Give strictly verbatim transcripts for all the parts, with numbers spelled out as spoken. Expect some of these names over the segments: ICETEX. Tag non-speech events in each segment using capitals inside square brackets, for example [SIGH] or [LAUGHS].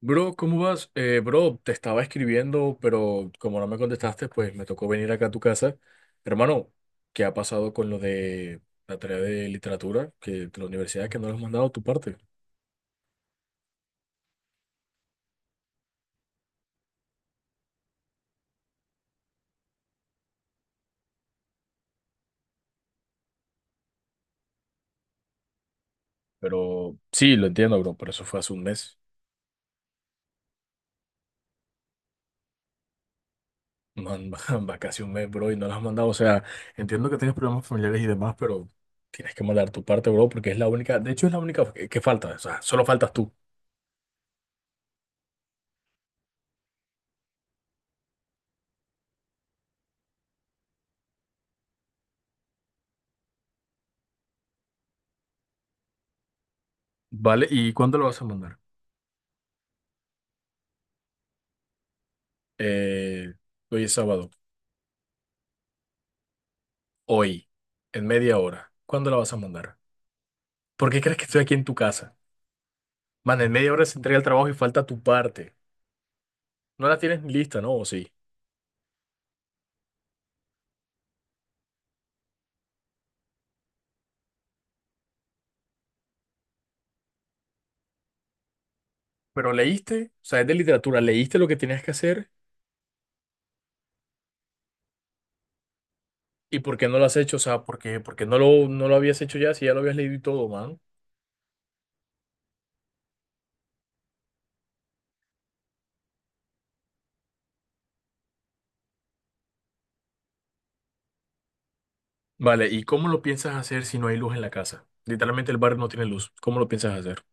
Bro, ¿cómo vas? Eh, bro, te estaba escribiendo, pero como no me contestaste, pues me tocó venir acá a tu casa. Hermano, ¿qué ha pasado con lo de la tarea de literatura que de la universidad que no lo has mandado a tu parte? Pero sí, lo entiendo, bro, pero eso fue hace un mes. Man, [LAUGHS] va casi un mes, bro, y no lo has mandado. O sea, entiendo que tienes problemas familiares y demás, pero tienes que mandar tu parte, bro, porque es la única, de hecho es la única que, que falta, o sea, solo faltas tú, ¿vale? ¿Y cuándo lo vas a mandar? Eh, hoy es sábado. Hoy, en media hora, ¿cuándo la vas a mandar? ¿Por qué crees que estoy aquí en tu casa? Man, en media hora se entrega el trabajo y falta tu parte. No la tienes ni lista, ¿no? ¿O sí? Pero leíste, o sea, es de literatura, leíste lo que tenías que hacer y por qué no lo has hecho, o sea, ¿por qué, por qué no lo, no lo habías hecho ya si ya lo habías leído y todo, man? Vale, ¿y cómo lo piensas hacer si no hay luz en la casa? Literalmente el barrio no tiene luz. ¿Cómo lo piensas hacer?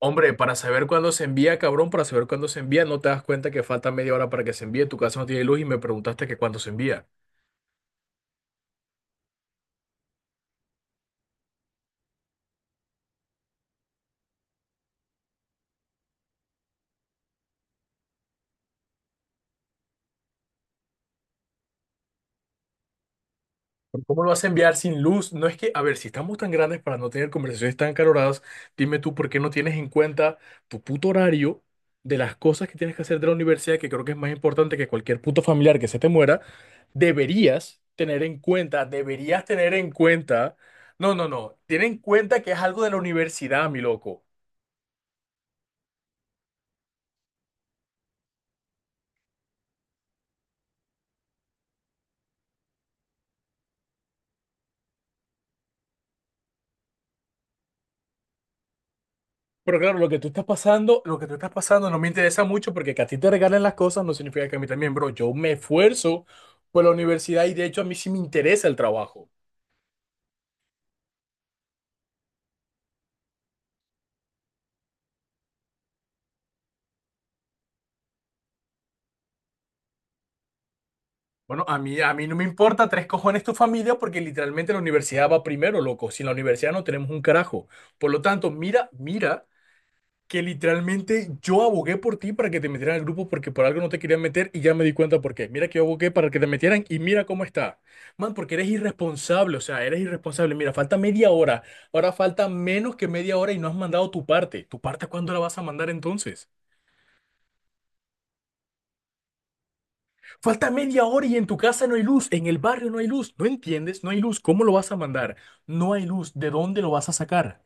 Hombre, para saber cuándo se envía, cabrón, para saber cuándo se envía, no te das cuenta que falta media hora para que se envíe, tu casa no tiene luz y me preguntaste que cuándo se envía. Pero ¿cómo lo vas a enviar sin luz? No es que, a ver, si estamos tan grandes para no tener conversaciones tan caloradas, dime tú por qué no tienes en cuenta tu puto horario de las cosas que tienes que hacer de la universidad, que creo que es más importante que cualquier puto familiar que se te muera, deberías tener en cuenta, deberías tener en cuenta, no, no, no, ten en cuenta que es algo de la universidad, mi loco. Pero claro, lo que tú estás pasando, lo que tú estás pasando no me interesa mucho porque que a ti te regalen las cosas no significa que a mí también, bro. Yo me esfuerzo por la universidad y de hecho a mí sí me interesa el trabajo. Bueno, a mí, a mí no me importa tres cojones tu familia porque literalmente la universidad va primero, loco. Sin la universidad no tenemos un carajo. Por lo tanto, mira, mira, que literalmente yo abogué por ti para que te metieran al grupo porque por algo no te querían meter y ya me di cuenta por qué. Mira que yo abogué para que te metieran y mira cómo está. Man, porque eres irresponsable, o sea, eres irresponsable. Mira, falta media hora. Ahora falta menos que media hora y no has mandado tu parte. ¿Tu parte cuándo la vas a mandar entonces? Falta media hora y en tu casa no hay luz, en el barrio no hay luz. ¿No entiendes? No hay luz. ¿Cómo lo vas a mandar? No hay luz. ¿De dónde lo vas a sacar?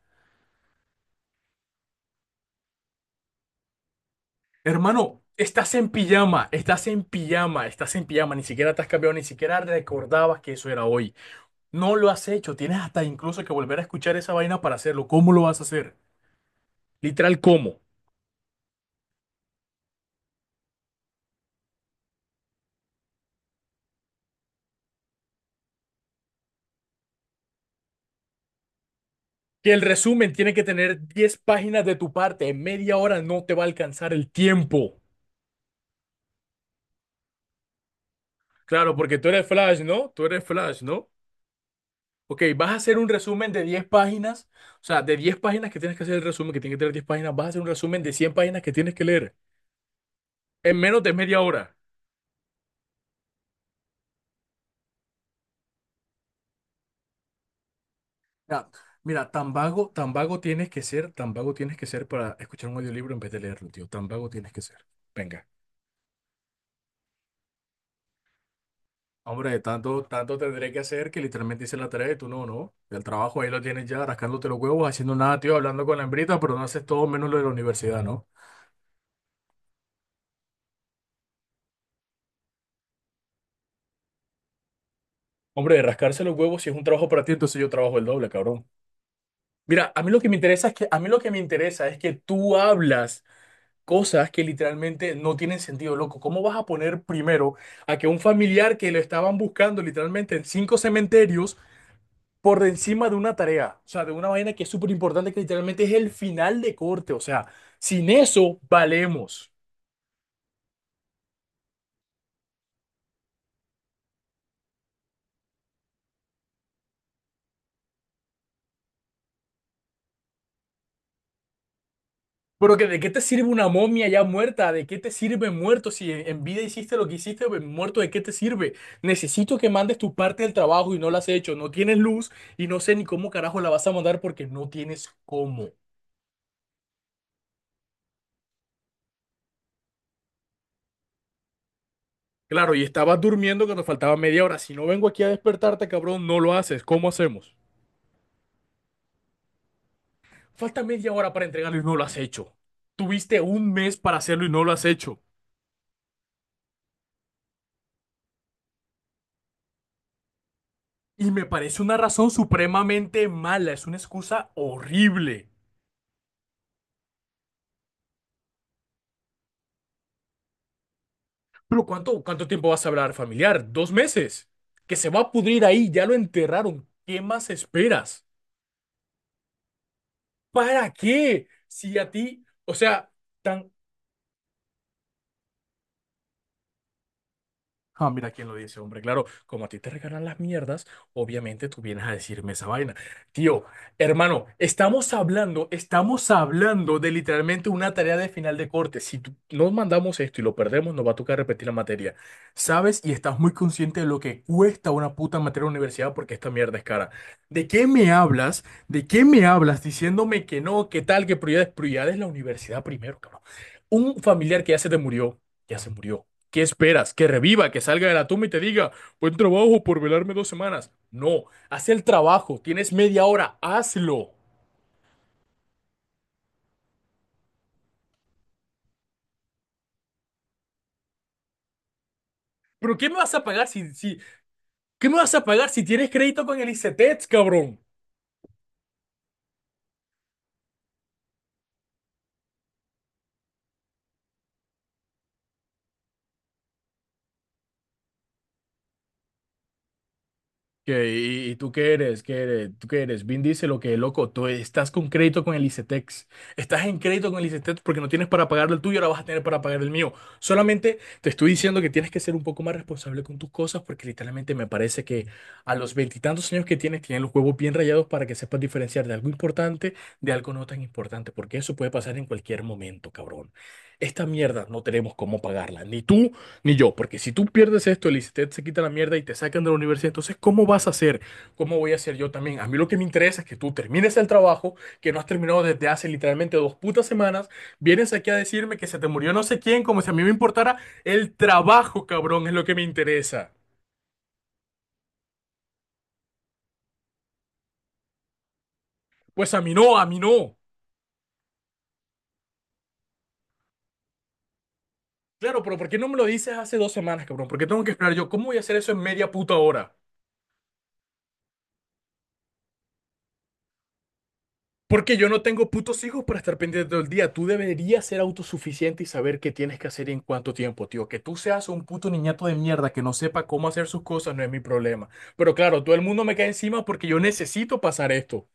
Hermano, estás en pijama, estás en pijama, estás en pijama, ni siquiera te has cambiado, ni siquiera recordabas que eso era hoy. No lo has hecho, tienes hasta incluso que volver a escuchar esa vaina para hacerlo. ¿Cómo lo vas a hacer? Literal, ¿cómo? Que el resumen tiene que tener diez páginas de tu parte, en media hora no te va a alcanzar el tiempo. Claro, porque tú eres Flash, ¿no? Tú eres Flash, ¿no? Ok, vas a hacer un resumen de diez páginas, o sea, de diez páginas que tienes que hacer el resumen, que tiene que tener diez páginas, vas a hacer un resumen de cien páginas que tienes que leer en menos de media hora. Ya, mira, tan vago, tan vago tienes que ser, tan vago tienes que ser para escuchar un audiolibro en vez de leerlo, tío. Tan vago tienes que ser. Venga. Hombre, tanto, tanto tendré que hacer que literalmente hice la tarea y tú no, ¿no? El trabajo ahí lo tienes ya, rascándote los huevos, haciendo nada, tío, hablando con la hembrita, pero no haces todo menos lo de la universidad, ¿no? Hombre, rascarse los huevos si es un trabajo para ti, entonces yo trabajo el doble, cabrón. Mira, a mí lo que me interesa es que, a mí lo que me interesa es que tú hablas cosas que literalmente no tienen sentido, loco. ¿Cómo vas a poner primero a que un familiar que lo estaban buscando literalmente en cinco cementerios por encima de una tarea? O sea, de una vaina que es súper importante, que literalmente es el final de corte. O sea, sin eso valemos. Pero que, ¿de qué te sirve una momia ya muerta? ¿De qué te sirve muerto? Si en, en vida hiciste lo que hiciste, pues, muerto, ¿de qué te sirve? Necesito que mandes tu parte del trabajo y no la has hecho. No tienes luz y no sé ni cómo carajo la vas a mandar porque no tienes cómo. Claro, y estabas durmiendo cuando faltaba media hora. Si no vengo aquí a despertarte, cabrón, no lo haces. ¿Cómo hacemos? Falta media hora para entregarlo y no lo has hecho. Tuviste un mes para hacerlo y no lo has hecho. Y me parece una razón supremamente mala. Es una excusa horrible. Pero ¿cuánto, cuánto tiempo vas a hablar, familiar? ¿Dos meses? Que se va a pudrir ahí. Ya lo enterraron. ¿Qué más esperas? ¿Para qué? Si a ti, o sea, tan... Ah, mira quién lo dice, hombre. Claro, como a ti te regalan las mierdas, obviamente tú vienes a decirme esa vaina. Tío, hermano, estamos hablando, estamos hablando de literalmente una tarea de final de corte. Si tú- nos mandamos esto y lo perdemos, nos va a tocar repetir la materia. ¿Sabes? Y estás muy consciente de lo que cuesta una puta materia en la universidad porque esta mierda es cara. ¿De qué me hablas? ¿De qué me hablas diciéndome que no, qué tal, que prioridades? Prioridades la universidad primero, cabrón. Un familiar que ya se te murió, ya se murió. ¿Qué esperas? ¿Que reviva, que salga de la tumba y te diga, buen trabajo por velarme dos semanas? No, haz el trabajo, tienes media hora, hazlo. ¿Pero qué me vas a pagar si, si, qué me vas a pagar si tienes crédito con el ICETEX, cabrón? ¿Qué? ¿Y, y tú qué eres? ¿Qué eres? ¿Tú qué eres? Vin dice lo que loco, tú estás con crédito con el ICETEX. Estás en crédito con el ICETEX porque no tienes para pagar el tuyo, ahora vas a tener para pagar el mío. Solamente te estoy diciendo que tienes que ser un poco más responsable con tus cosas porque literalmente me parece que a los veintitantos años que tienes, tienes los huevos bien rayados para que sepas diferenciar de algo importante de algo no tan importante, porque eso puede pasar en cualquier momento, cabrón. Esta mierda no tenemos cómo pagarla, ni tú ni yo, porque si tú pierdes esto, el ICETEX se quita la mierda y te sacan de la universidad, entonces, ¿cómo vas a hacer? ¿Cómo voy a hacer yo también? A mí lo que me interesa es que tú termines el trabajo, que no has terminado desde hace literalmente dos putas semanas, vienes aquí a decirme que se te murió no sé quién, como si a mí me importara el trabajo, cabrón, es lo que me interesa. Pues a mí no, a mí no. Claro, pero ¿por qué no me lo dices hace dos semanas, cabrón? ¿Por qué tengo que esperar yo? ¿Cómo voy a hacer eso en media puta hora? Porque yo no tengo putos hijos para estar pendiente todo el día. Tú deberías ser autosuficiente y saber qué tienes que hacer y en cuánto tiempo, tío. Que tú seas un puto niñato de mierda que no sepa cómo hacer sus cosas no es mi problema. Pero claro, todo el mundo me cae encima porque yo necesito pasar esto.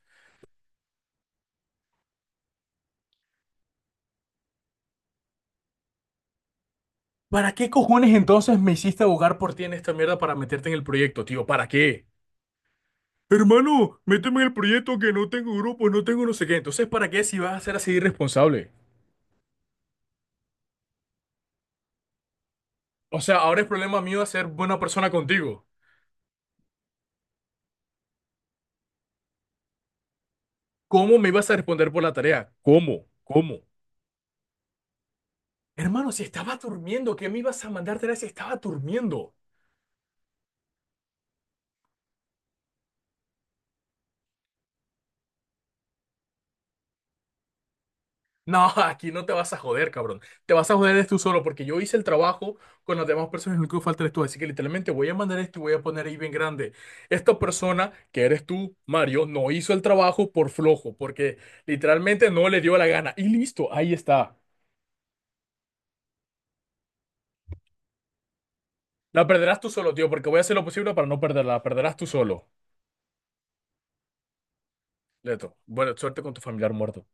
¿Para qué cojones entonces me hiciste abogar por ti en esta mierda para meterte en el proyecto, tío? ¿Para qué? Hermano, méteme en el proyecto que no tengo grupo, no tengo no sé qué. Entonces, ¿para qué si vas a ser así irresponsable? O sea, ahora es problema mío ser buena persona contigo. ¿Cómo me ibas a responder por la tarea? ¿Cómo? ¿Cómo? Hermano, si estaba durmiendo, ¿qué me ibas a mandar tarea si estaba durmiendo? No, [LAUGHS] aquí no te vas a joder, cabrón. Te vas a joder eres tú solo porque yo hice el trabajo con las demás personas y lo único que falta eres tú. Así que literalmente voy a mandar esto y voy a poner ahí bien grande. Esta persona, que eres tú, Mario, no hizo el trabajo por flojo, porque literalmente no le dio la gana. Y listo, ahí está. La perderás tú solo, tío, porque voy a hacer lo posible para no perderla. La perderás tú solo. Leto, buena suerte con tu familiar muerto.